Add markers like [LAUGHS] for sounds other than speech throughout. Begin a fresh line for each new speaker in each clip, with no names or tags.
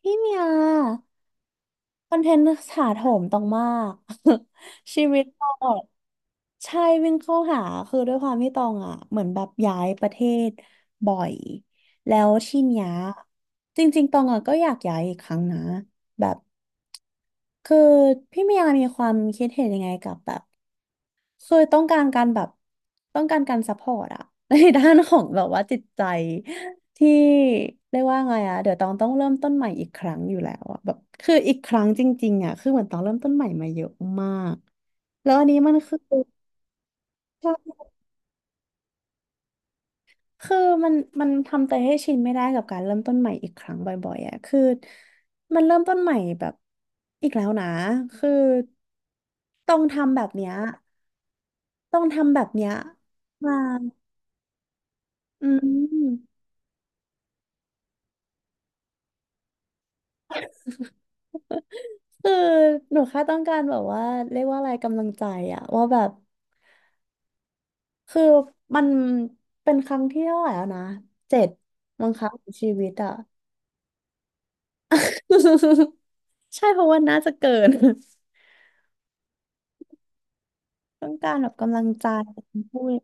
พี่เมียคอนเทนต์ถาโถมต้องมาก [LAUGHS] ชีวิตตองอะใช่วิ่งเข้าหาคือด้วยความที่ตองอ่ะเหมือนแบบย้ายประเทศบ่อยแล้วที่เนี้ยจริงๆตองอ่ะก็อยากย้ายอีกครั้งนะแบบคือพี่เมียมีความคิดเห็นยังไงกับแบบ เคยต้องการการแบบต้องการการซัพพอร์ตอะ [LAUGHS] ในด้านของแบบว่าจิตใจที่เรียกว่าไงอะเดี๋ยวตองต้องเริ่มต้นใหม่อีกครั้งอยู่แล้วอะแบบคืออีกครั้งจริงๆอะคือเหมือนตองเริ่มต้นใหม่มาเยอะมากแล้วอันนี้มันคือใช่คือมันมันทำใจให้ชินไม่ได้กับการเริ่มต้นใหม่อีกครั้งบ่อยๆอะคือมันเริ่มต้นใหม่แบบอีกแล้วนะคือต้องทำแบบเนี้ยต้องทำแบบเนี้ยมาอืม คือหนูแค่ต้องการแบบว่าเรียกว่าอะไรกำลังใจอะว่าแบบคือมันเป็นครั้งที่เท่าไหร่แล้วนะเจ็ดมั้งคะของชีวิตอะ [LAUGHS] ใช่เพราะว่าน่าจะเกิน [LAUGHS] ต้องการแบบกำลังใจพูด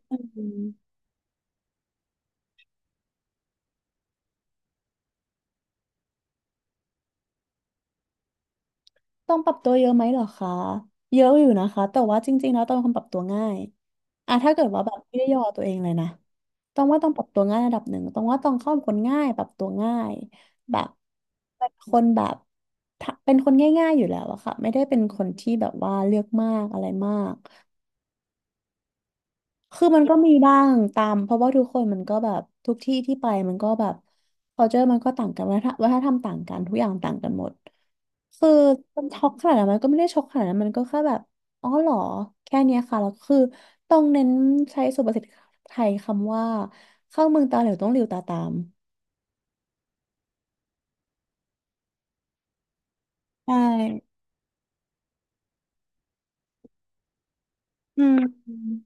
ต้องปรับตัวเยอะไหมเหรอคะเยอะอยู่นะคะแต่ว่าจริงๆแล้วต้องเป็นคนปรับตัวง่ายอ่ะถ้าเกิดว่าแบบไม่ได้ย่อตัวเองเลยนะต้องว่าต้องปรับตัวง่ายระดับหนึ่งต้องว่าต้องเข้าเป็นคนง่ายปรับตัวง่ายแบบเป็นคนแบบถ้าเป็นคนง่ายๆอยู่แล้วอะค่ะไม่ได้เป็นคนที่แบบว่าเลือกมากอะไรมาก คือมันก็มีบ้างตามเพราะว่าทุกคนมันก็แบบทุกที่ที่ไปมันก็แบบ culture มันก็ต่างกันวัฒนธรรมวัฒนธรรมต่างกันทุกอย่างต่างกันหมดคือมันช็อกขนาดนั้นมันก็ไม่ได้ช็อกขนาดนั้นมันก็แค่แบบอ๋อเหรอแค่เนี้ยค่ะแล้วคือต้องเน้นใช้สุภาษิตไทยคำว่าเข้าเมืองตาเหลวต้องหลิวตาตามใช่อืม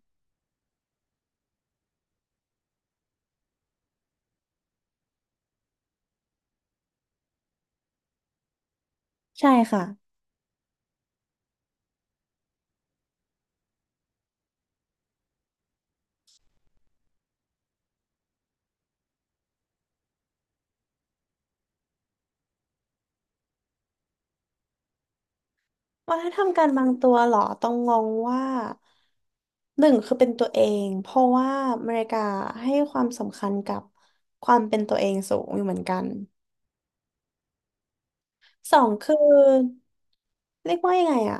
ใช่ค่ะ วัฒนธรรมการบางตัวเหรอต้องงงว่าหนึ่งคือเป็นตัวเองเพราะว่าอเมริกาให้ความสำคัญกับความเป็นตัวเองสูงอยู่เหมือนกันสองคือเรียกว่ายังไงอะ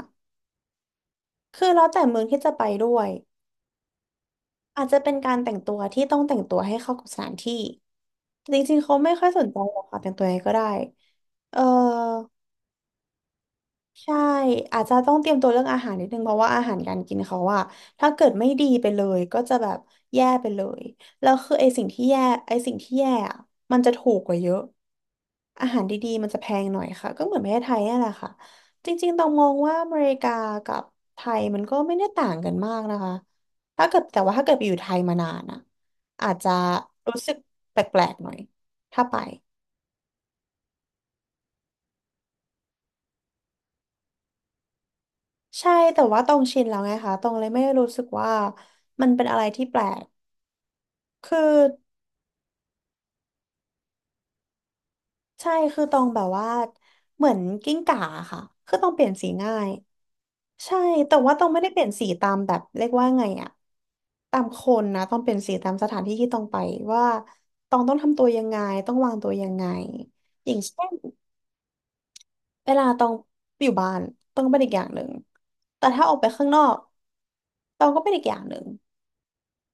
คือแล้วแต่เมืองที่จะไปด้วยอาจจะเป็นการแต่งตัวที่ต้องแต่งตัวให้เข้ากับสถานที่่จริงๆเขาไม่ค่อยสนใจหรอกค่ะแต่งตัวยังไงก็ได้เออ ใช่อาจจะต้องเตรียมตัวเรื่องอาหารนิดนึงเพราะว่าอาหารการกินเขาอะถ้าเกิดไม่ดีไปเลยก็จะแบบแย่ไปเลยแล้วคือไอสิ่งที่แย่ไอสิ่งที่แย่อะมันจะถูกกว่าเยอะอาหารดีๆมันจะแพงหน่อยค่ะก็เหมือนประเทศไทยนี่นแหละค่ะจริงๆต้องมองว่าอเมริกากับไทยมันก็ไม่ได้ต่างกันมากนะคะถ้าเกิดแต่ว่าถ้าเกิดไปอยู่ไทยมานานอะอาจจะรู้สึกแปลกๆหน่อยถ้าไป ใช่แต่ว่าตองชินแล้วไงคะตองเลยไม่รู้สึกว่ามันเป็นอะไรที่แปลกคือใช่คือตองแบบว่าเหมือนกิ้งก่าค่ะคือตองเปลี่ยนสีง่ายใช่แต่ว่าตองไม่ได้เปลี่ยนสีตามแบบเรียกว่าไงอะตามคนนะต้องเปลี่ยนสีตามสถานที่ที่ตองไปว่าตองต้องทำตัวยังไงต้องวางตัวยังไงอย่างเช่นเวลาตองอยู่บ้านตองก็เป็นอีกอย่างหนึ่งแต่ถ้าออกไปข้างนอกตองก็เป็นอีกอย่างหนึ่ง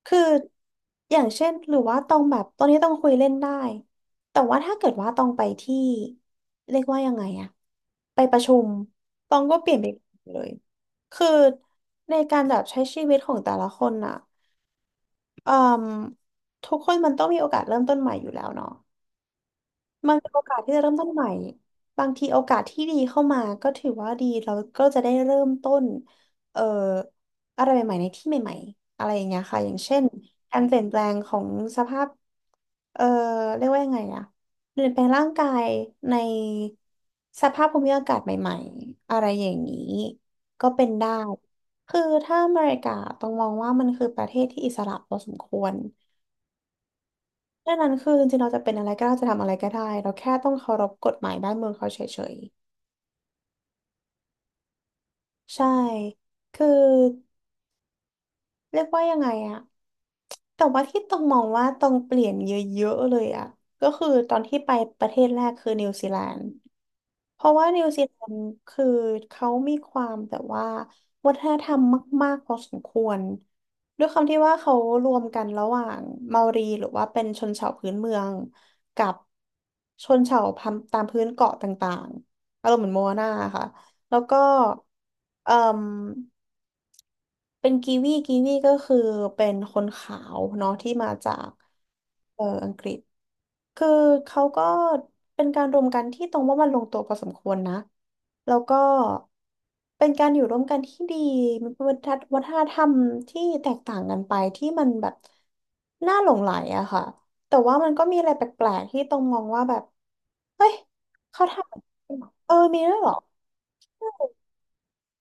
คืออย่างเช่นหรือว่าต้องแบบตอนนี้ต้องคุยเล่นได้แต่ว่าถ้าเกิดว่าต้องไปที่เรียกว่ายังไงอะไปประชุมต้องก็เปลี่ยนไปเลยคือในการแบบใช้ชีวิตของแต่ละคนอะเอ่มทุกคนมันต้องมีโอกาสเริ่มต้นใหม่อยู่แล้วเนาะ มันเป็นโอกาสที่จะเริ่มต้นใหม่ บางทีโอกาสที่ดีเข้ามาก็ถือว่าดีเราก็จะได้เริ่มต้นเอ่ออะไรใหม่ๆในที่ใหม่ๆอะไรอย่างเงี้ยค่ะอย่างเช่นการเปลี่ยนแปลงของสภาพเอ่อเรียกว่ายังไงอะเปลี่ยนแปลงร่างกายในสภาพภูมิอากาศใหม่ๆอะไรอย่างนี้ก็เป็นได้คือถ้าอเมริกาต้องมองว่ามันคือประเทศที่อิสระพอสมควร ดังนั้นคือจริงๆเราจะเป็นอะไรก็ได้จะทำอะไรก็ได้เราแค่ต้องเคารพกฎหมายบ้านเมืองเขาเฉยๆใช่คือเรียกว่ายังไงอะแต่ว่าที่ต้องมองว่าต้องเปลี่ยนเยอะๆเลยอะก็คือตอนที่ไปประเทศแรกคือนิวซีแลนด์ เพราะว่านิวซีแลนด์คือเขามีความแบบว่าวัฒนธรรมมากๆพอสมควรด้วยความที่ว่าเขารวมกันระหว่างเมารีหรือว่าเป็นชนเผ่าพื้นเมืองกับชนเผ่าพันธุ์ตามพื้นเกาะต่างๆอารมณ์เหมือนโมอานาค่ะแล้วก็เอ่มเป็นกีวีกีวีก็คือเป็นคนขาวเนาะที่มาจากอังกฤษ คือเขาก็เป็นการรวมกันที่ตรงว่ามันลงตัวพอสมควรนะแล้วก็เป็นการอยู่ร่วมกันที่ดีมีวัฒนธรรมที่แตกต่างกันไปที่มันแบบน่าหลงใหลอะค่ะแต่ว่ามันก็มีอะไรแปลกๆที่ตรงมองว่าแบบเฮ้ยเขาทำแบบนี้เหรอเออมีด้วยเหรอ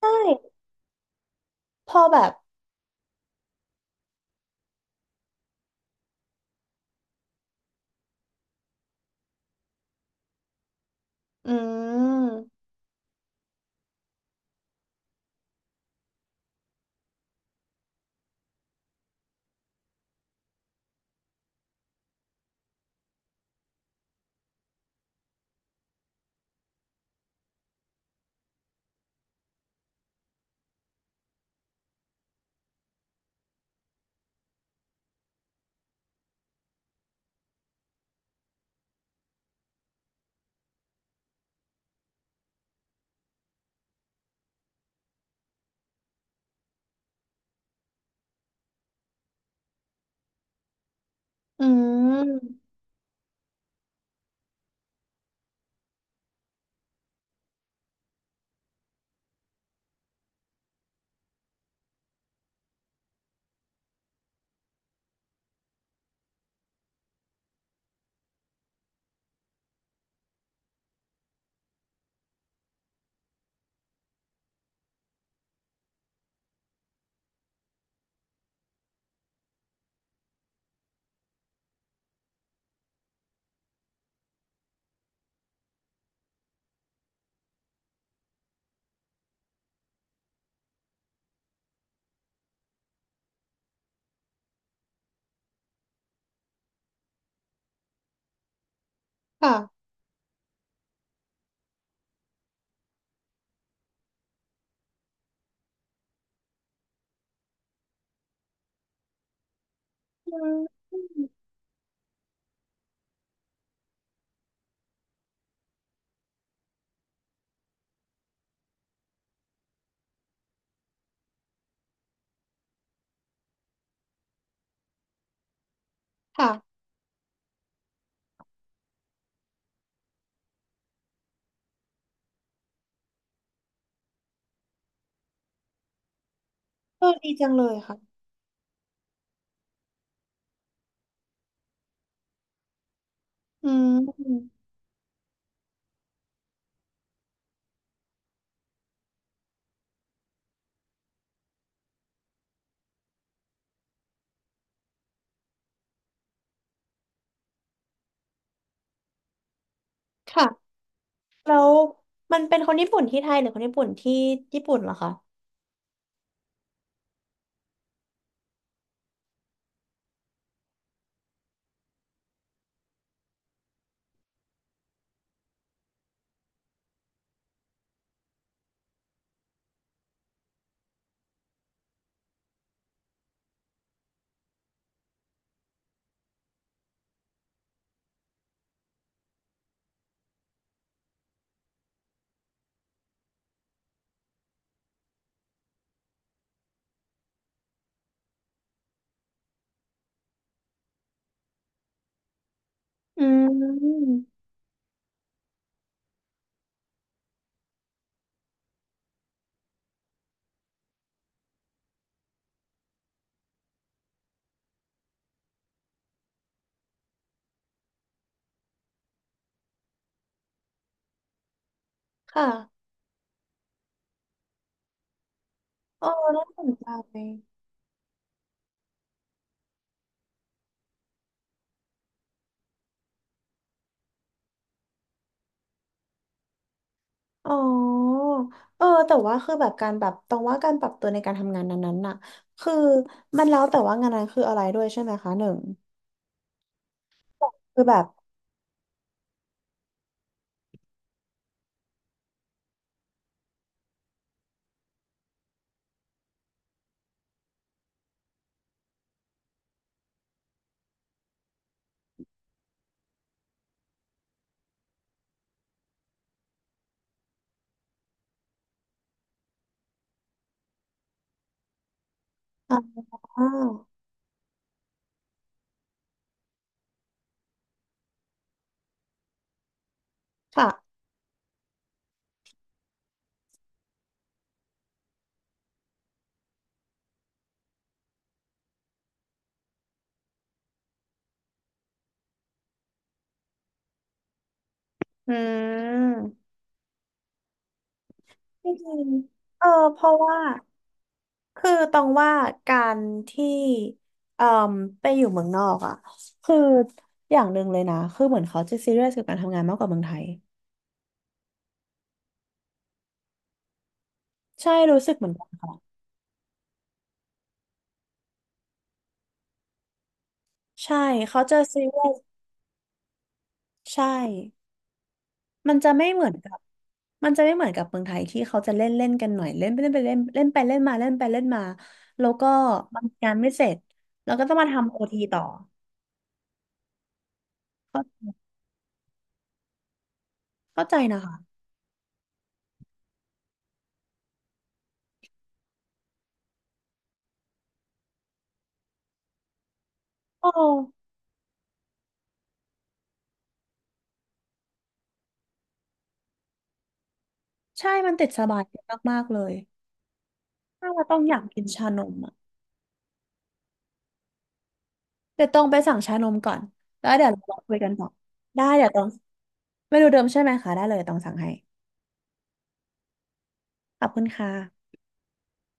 ใช่พอแบบอืมอืมค่ะอืมค่ะเออดีจังเลยค่ะอืมค่ะ แล้วมันเป็นคนญี่ปุ่นที่ไทยหรือคนญี่ปุ่นที่ญี่ปุ่นเหรอคะอืมค่ะอออน่าสนใจอ๋อเออแต่ว่าคือแบบการแบบตรงว่าการปรับตัวในการทำงานนั้นๆน่ะคือมันแล้วแต่ว่างานนั้นคืออะไรด้วยใช่ไหมคะหนึ่งคือแบบอ่าค่ะอืมจริงๆเออเพราะว่า คือต้องว่าการที่เอ่มไปอยู่เมืองนอกอ่ะคืออย่างหนึ่งเลยนะคือเหมือนเขาจะซีเรียสกับการทำงานมากกว่าเมืองไทยใช่รู้สึกเหมือนกันใช่เขาจะซีเรียสใช่มันจะไม่เหมือนกับมันจะไม่เหมือนกับเมืองไทยที่เขาจะเล่นเล่นกันหน่อยเล่นไปเล่นไปเล่นเล่นไปเล่นมาเล่นไปเล่นมาแล้วก็บางงานไม่เสร็จแล้วก็ต้องมาทำโอทีต่อเข้าเข้าใจนะคะโอ้ใช่มันติดสบายมากๆเลยถ้าเราต้องอยากกินชานม เดี๋ยวต้องไปสั่งชานมก่อนแล้วเดี๋ยวเรามาคุยกันต่อได้เดี๋ยวต้องไม่รู้เดิมใช่ไหมคะได้เลยต้องสั่งให้ขอบคุณค่ะ